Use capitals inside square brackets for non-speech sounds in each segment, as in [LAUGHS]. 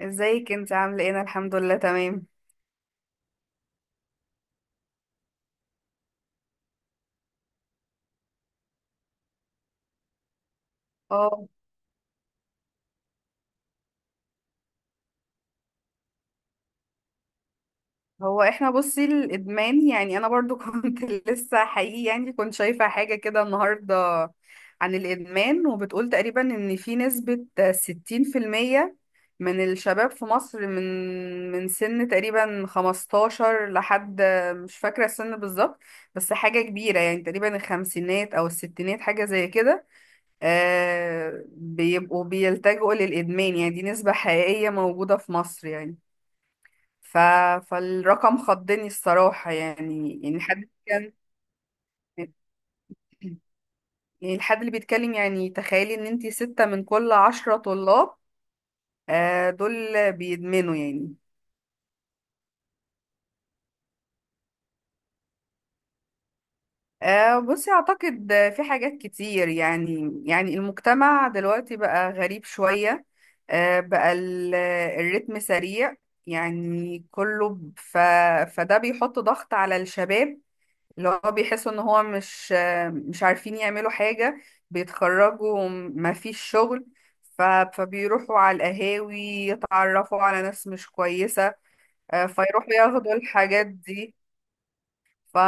ازيك انت عامله ايه؟ انا الحمد لله تمام. اه، هو احنا بصي الادمان، يعني انا برضو [LAUGHS] كنت لسه حقيقي، يعني كنت شايفه حاجه كده النهارده عن الادمان وبتقول تقريبا ان في نسبه 60% من الشباب في مصر من سن تقريبا 15 لحد، مش فاكره السن بالظبط، بس حاجه كبيره يعني تقريبا الخمسينات او الستينات حاجه زي كده. آه، بيبقوا بيلجأوا للإدمان. يعني دي نسبة حقيقية موجودة في مصر يعني. ف... فالرقم خضني الصراحة، يعني يعني حد كان [CLEARS THROAT] يعني الحد اللي بيتكلم، يعني تخيلي ان انتي ستة من كل عشرة طلاب آه دول بيدمنوا يعني. بصي أعتقد في حاجات كتير، يعني يعني المجتمع دلوقتي بقى غريب شوية. بقى الريتم سريع. يعني كله ب- ف فده بيحط ضغط على الشباب، اللي هو بيحسوا إن هو مش عارفين يعملوا حاجة. بيتخرجوا ما فيش شغل، فبيروحوا على القهاوي، يتعرفوا على ناس مش كويسة. فيروحوا ياخدوا الحاجات دي. ف-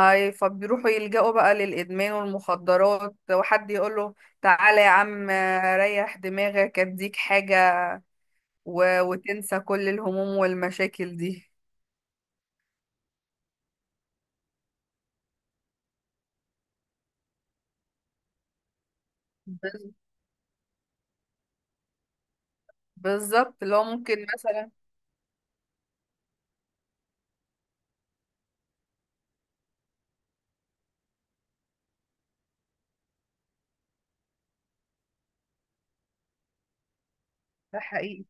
فبيروحوا يلجأوا بقى للإدمان والمخدرات، وحد يقوله تعالى يا عم، ريح دماغك، اديك حاجة وتنسى كل الهموم والمشاكل دي. بز- بالظبط، اللي هو ممكن مثلا. ده حقيقي.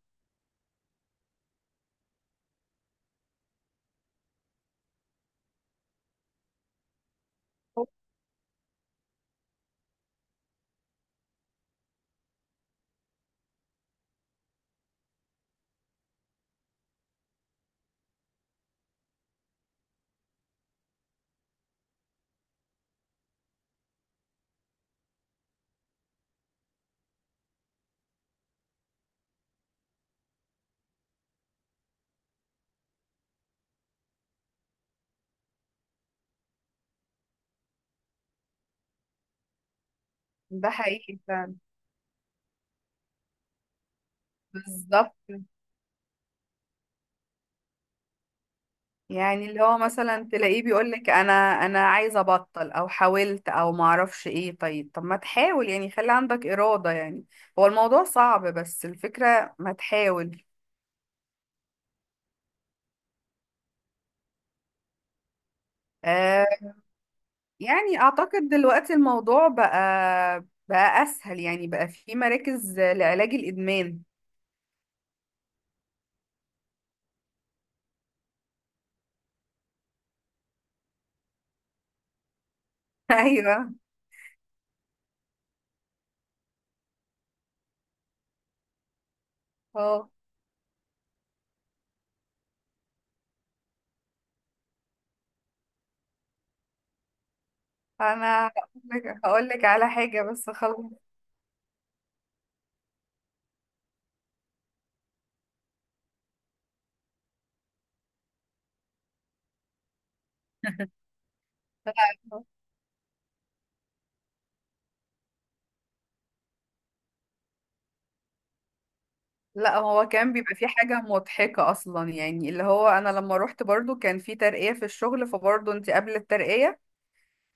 ده حقيقي فعلا، بالظبط. يعني اللي هو مثلا تلاقيه بيقولك انا عايز ابطل، او حاولت او معرفش ايه، طيب طب ما تحاول، يعني خلي عندك إرادة يعني. هو الموضوع صعب، بس الفكرة ما تحاول. آه، يعني اعتقد دلوقتي الموضوع بقى اسهل، يعني بقى في مراكز لعلاج الادمان. [LAUGHS] ايوه. اه، انا هقول لك على حاجه بس خلاص. لا. لا، هو كان بيبقى في حاجه مضحكه اصلا، يعني اللي هو انا لما روحت برضو كان في ترقيه في الشغل، فبرضو انت قبل الترقيه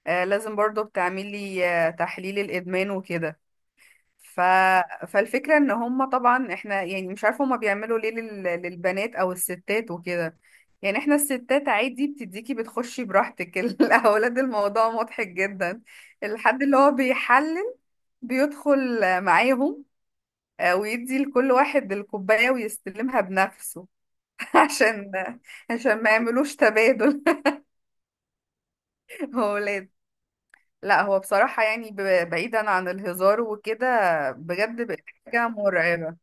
آه لازم برضو بتعملي آه تحليل الادمان وكده. ف... فالفكره ان هم طبعا، احنا يعني مش عارفه هم بيعملوا ليه للبنات او الستات وكده. يعني احنا الستات عادي، بتديكي، بتخشي براحتك. [LAUGHS] الاولاد الموضوع مضحك جدا. الحد اللي هو بيحلل بيدخل معاهم، آه، ويدي لكل واحد الكوباية ويستلمها بنفسه [LAUGHS] عشان عشان ما يعملوش تبادل. [LAUGHS] هو ولاد. لا هو بصراحة يعني بعيدا عن الهزار وكده بجد بقت حاجة مرعبة.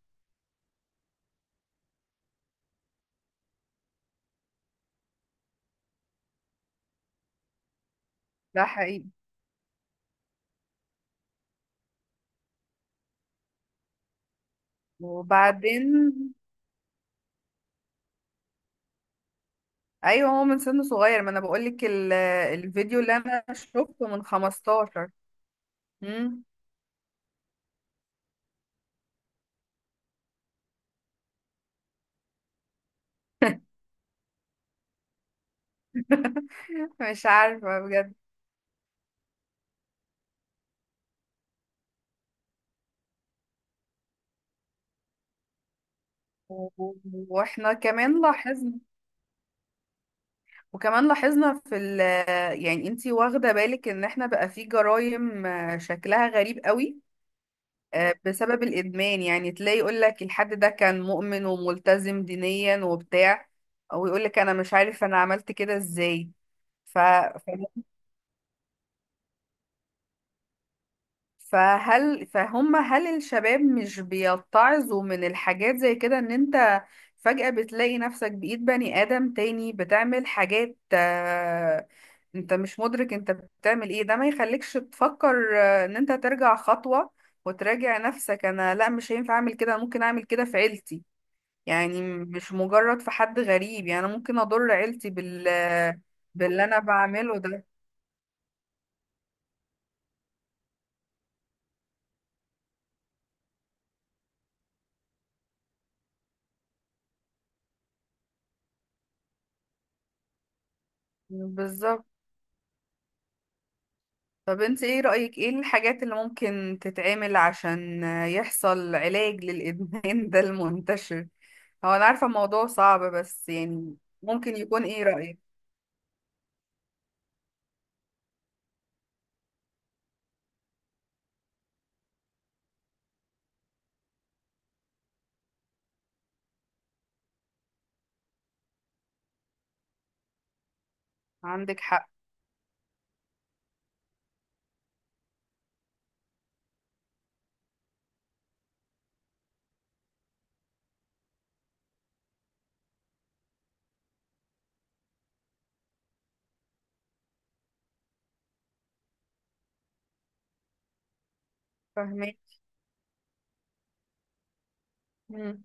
ده حقيقي. وبعدين ايوه، هو من سن صغير. ما انا بقولك الفيديو اللي انا شفته من 15. مم. [LAUGHS] مش عارفة بجد. و- و- واحنا كمان لاحظنا، وكمان لاحظنا في ال، يعني انتي واخدة بالك ان احنا بقى في جرائم آه، شكلها غريب قوي، آه، بسبب الادمان. يعني تلاقي يقول لك الحد ده كان مؤمن وملتزم دينيا وبتاع، ويقول لك انا مش عارف انا عملت كده ازاي. ف... فهل هل الشباب مش بيتعظوا من الحاجات زي كده؟ ان انت فجأة بتلاقي نفسك بإيد بني آدم تاني بتعمل حاجات، آه، انت مش مدرك انت بتعمل ايه. ده ما يخليكش تفكر، آه، ان انت ترجع خطوة وتراجع نفسك؟ انا لا، مش هينفع اعمل كده، أنا ممكن اعمل كده في عيلتي. يعني مش مجرد في حد غريب، يعني أنا ممكن اضر عيلتي باللي انا بعمله ده. بالظبط. طب انت ايه رأيك ايه الحاجات اللي ممكن تتعمل عشان يحصل علاج للإدمان ده المنتشر؟ هو انا عارفة الموضوع صعب، بس يعني ممكن يكون ايه رأيك. عندك حق. فاهمك. مم.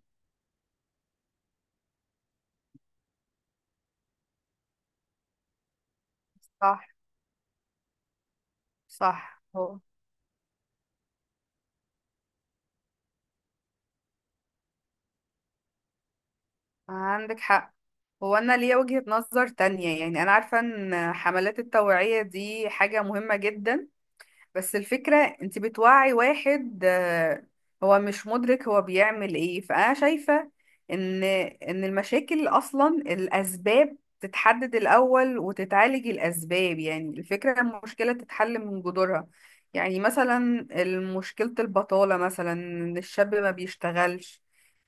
صح. صح هو. عندك حق. هو انا ليا وجهة نظر تانية. يعني انا عارفة ان حملات التوعية دي حاجة مهمة جدا، بس الفكرة انت بتوعي واحد آه، هو مش مدرك هو بيعمل ايه. فأنا شايفة ان المشاكل اصلا الاسباب تتحدد الاول وتتعالج الاسباب. يعني الفكرة المشكلة تتحل من جذورها. يعني مثلا مشكلة البطالة مثلا ان الشاب ما بيشتغلش،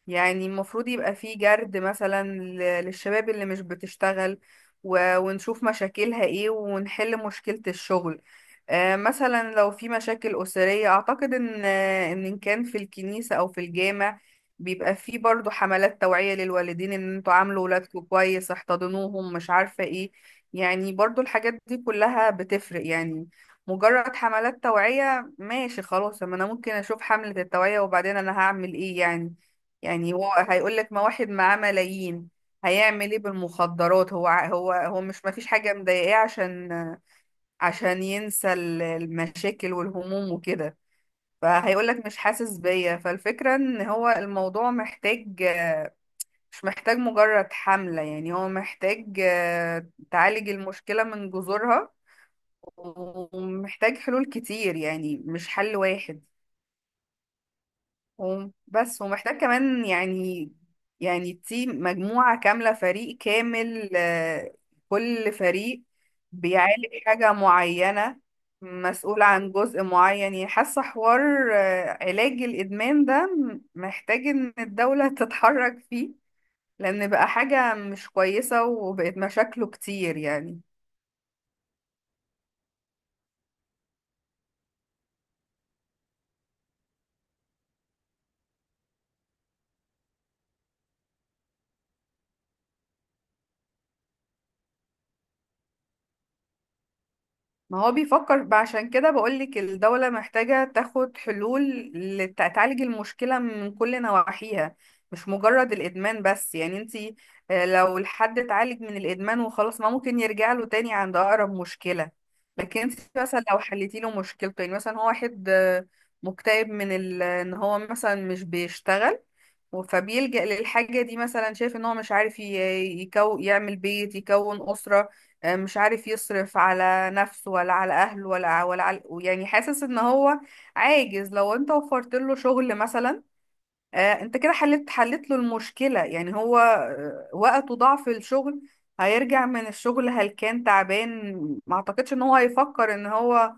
يعني المفروض يبقى فيه جرد مثلا للشباب اللي مش بتشتغل، ونشوف مشاكلها ايه ونحل مشكلة الشغل. آه، مثلا لو في مشاكل أسرية أعتقد إن آه، إن كان في الكنيسة أو في الجامع بيبقى فيه برضو حملات توعية للوالدين إن انتوا عاملوا ولادكم كويس، احتضنوهم، مش عارفة ايه. يعني برضو الحاجات دي كلها بتفرق يعني. مجرد حملات توعية ماشي خلاص، أما أنا ممكن أشوف حملة التوعية وبعدين أنا هعمل ايه يعني. يعني هو هيقول لك ما واحد معاه ملايين، هيعمل ايه بالمخدرات؟ هو هو مش ما فيش حاجة مضايقاه عشان ينسى المشاكل والهموم وكده. فهيقول لك مش حاسس بيا. فالفكرة ان هو الموضوع محتاج، مش محتاج مجرد حملة، يعني هو محتاج آه، تعالج المشكلة من جذورها، ومحتاج حلول كتير يعني مش حل واحد، و- بس ومحتاج كمان يعني، يعني تيم، مجموعة كاملة، فريق كامل، آه، كل فريق بيعالج حاجة معينة، مسؤول عن جزء معين. يعني حاسة حوار، آه، علاج الإدمان ده محتاج إن الدولة تتحرك فيه، لأن بقى حاجة مش كويسة وبقت مشاكله كتير يعني. ما هو بيفكر بقى، عشان كده بقولك الدولة محتاجة تاخد حلول تعالج المشكلة من كل نواحيها، مش مجرد الإدمان بس. يعني انتي آه، لو الحد اتعالج من الإدمان وخلاص، ما ممكن يرجع له تاني عند أقرب مشكلة. لكن انتي مثلا لو حليتي له مشكلته، يعني مثلا هو واحد آه، مكتئب من ان هو مثلا مش بيشتغل، فبيلجأ للحاجة دي. مثلا شايف ان هو مش عارف ي- يكو يعمل بيت، يكون أسرة، آه، مش عارف يصرف على نفسه ولا على أهله ولا على، يعني حاسس ان هو عاجز. لو انت وفرت له شغل مثلا، آه، انت كده حلت له المشكلة. يعني هو آه، وقته ضعف الشغل، هيرجع من الشغل هلكان تعبان، ما اعتقدش ان هو هيفكر ان هو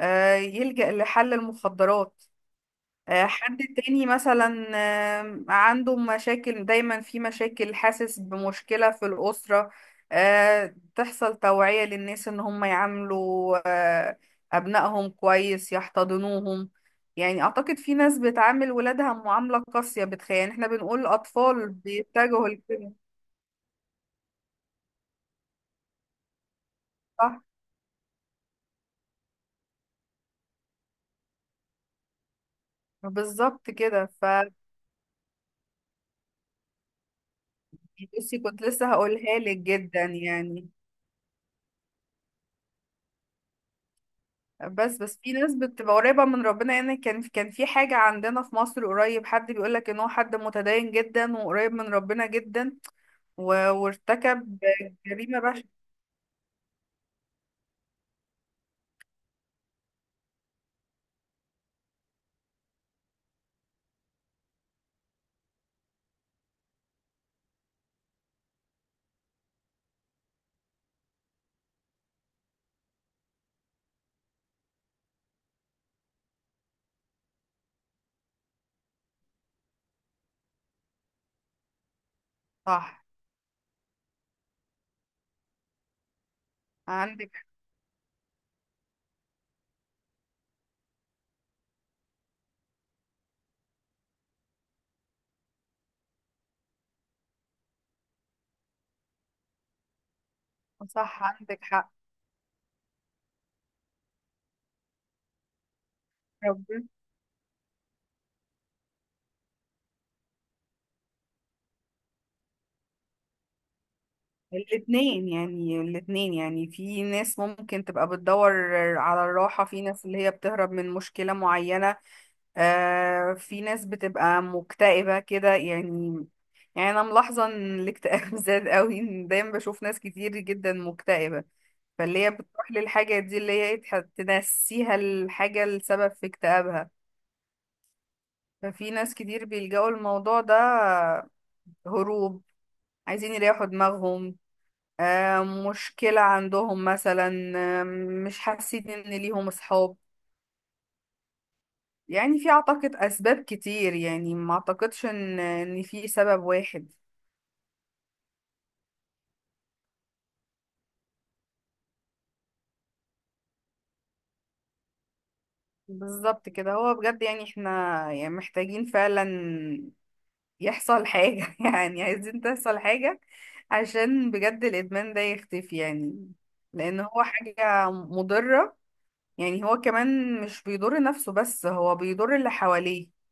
آه، يلجأ لحل المخدرات. آه، حد تاني مثلا آه، عنده مشاكل دايما، في مشاكل، حاسس بمشكلة في الأسرة، آه، تحصل توعية للناس إن هم يعاملوا آه، أبنائهم كويس، يحتضنوهم. يعني أعتقد في ناس بتعامل ولادها معاملة قاسية، بتخيل يعني إحنا بنقول أطفال بيتجهوا لكده. صح. بالظبط كده. ف، بصي كنت لسه هقولها لك جدا يعني. بس بس في ناس بتبقى قريبة من ربنا، يعني كان كان في حاجة عندنا في مصر قريب، حد بيقولك ان هو حد متدين جدا وقريب من ربنا جدا، و... وارتكب جريمة بشعة. صح عندك صح عندك حق. ربنا. الاتنين يعني، الاتنين يعني في ناس ممكن تبقى بتدور على الراحة، في ناس اللي هي بتهرب من مشكلة معينة، آه في ناس بتبقى مكتئبة كده يعني. يعني أنا ملاحظة إن الاكتئاب [LAUGHS] زاد قوي، إن دايما بشوف ناس كتير جدا مكتئبة، فاللي هي بتروح للحاجة دي اللي هي تنسيها الحاجة السبب في اكتئابها. ففي ناس كتير بيلجأوا الموضوع ده، هروب، عايزين يريحوا دماغهم، آه، مشكلة عندهم مثلا، آه، مش حاسين إن ليهم أصحاب. يعني في أعتقد أسباب كتير، يعني ما أعتقدش إن في سبب واحد. بالظبط كده. هو بجد يعني احنا، يعني محتاجين فعلا يحصل حاجة، [LAUGHS] يعني عايزين تحصل حاجة عشان بجد الإدمان ده يختفي يعني، لأن هو حاجة مضرة. يعني هو كمان مش بيضر نفسه بس، هو بيضر اللي حواليه.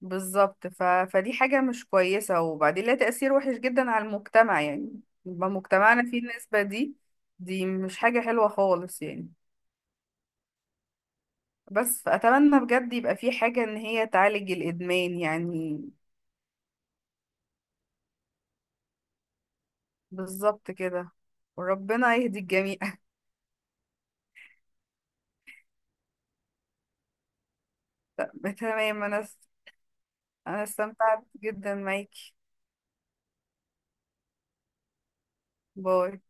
بالظبط فدي حاجة مش كويسة، وبعدين لها تأثير وحش جدا على المجتمع، يعني يبقى مجتمعنا فيه النسبة دي، دي مش حاجة حلوة خالص يعني. بس فأتمنى بجد يبقى في حاجة إن هي تعالج الإدمان يعني. بالظبط كده، وربنا يهدي الجميع. [LAUGHS] تمام، أنا، أنا استمتعت جدا معاكي. باي.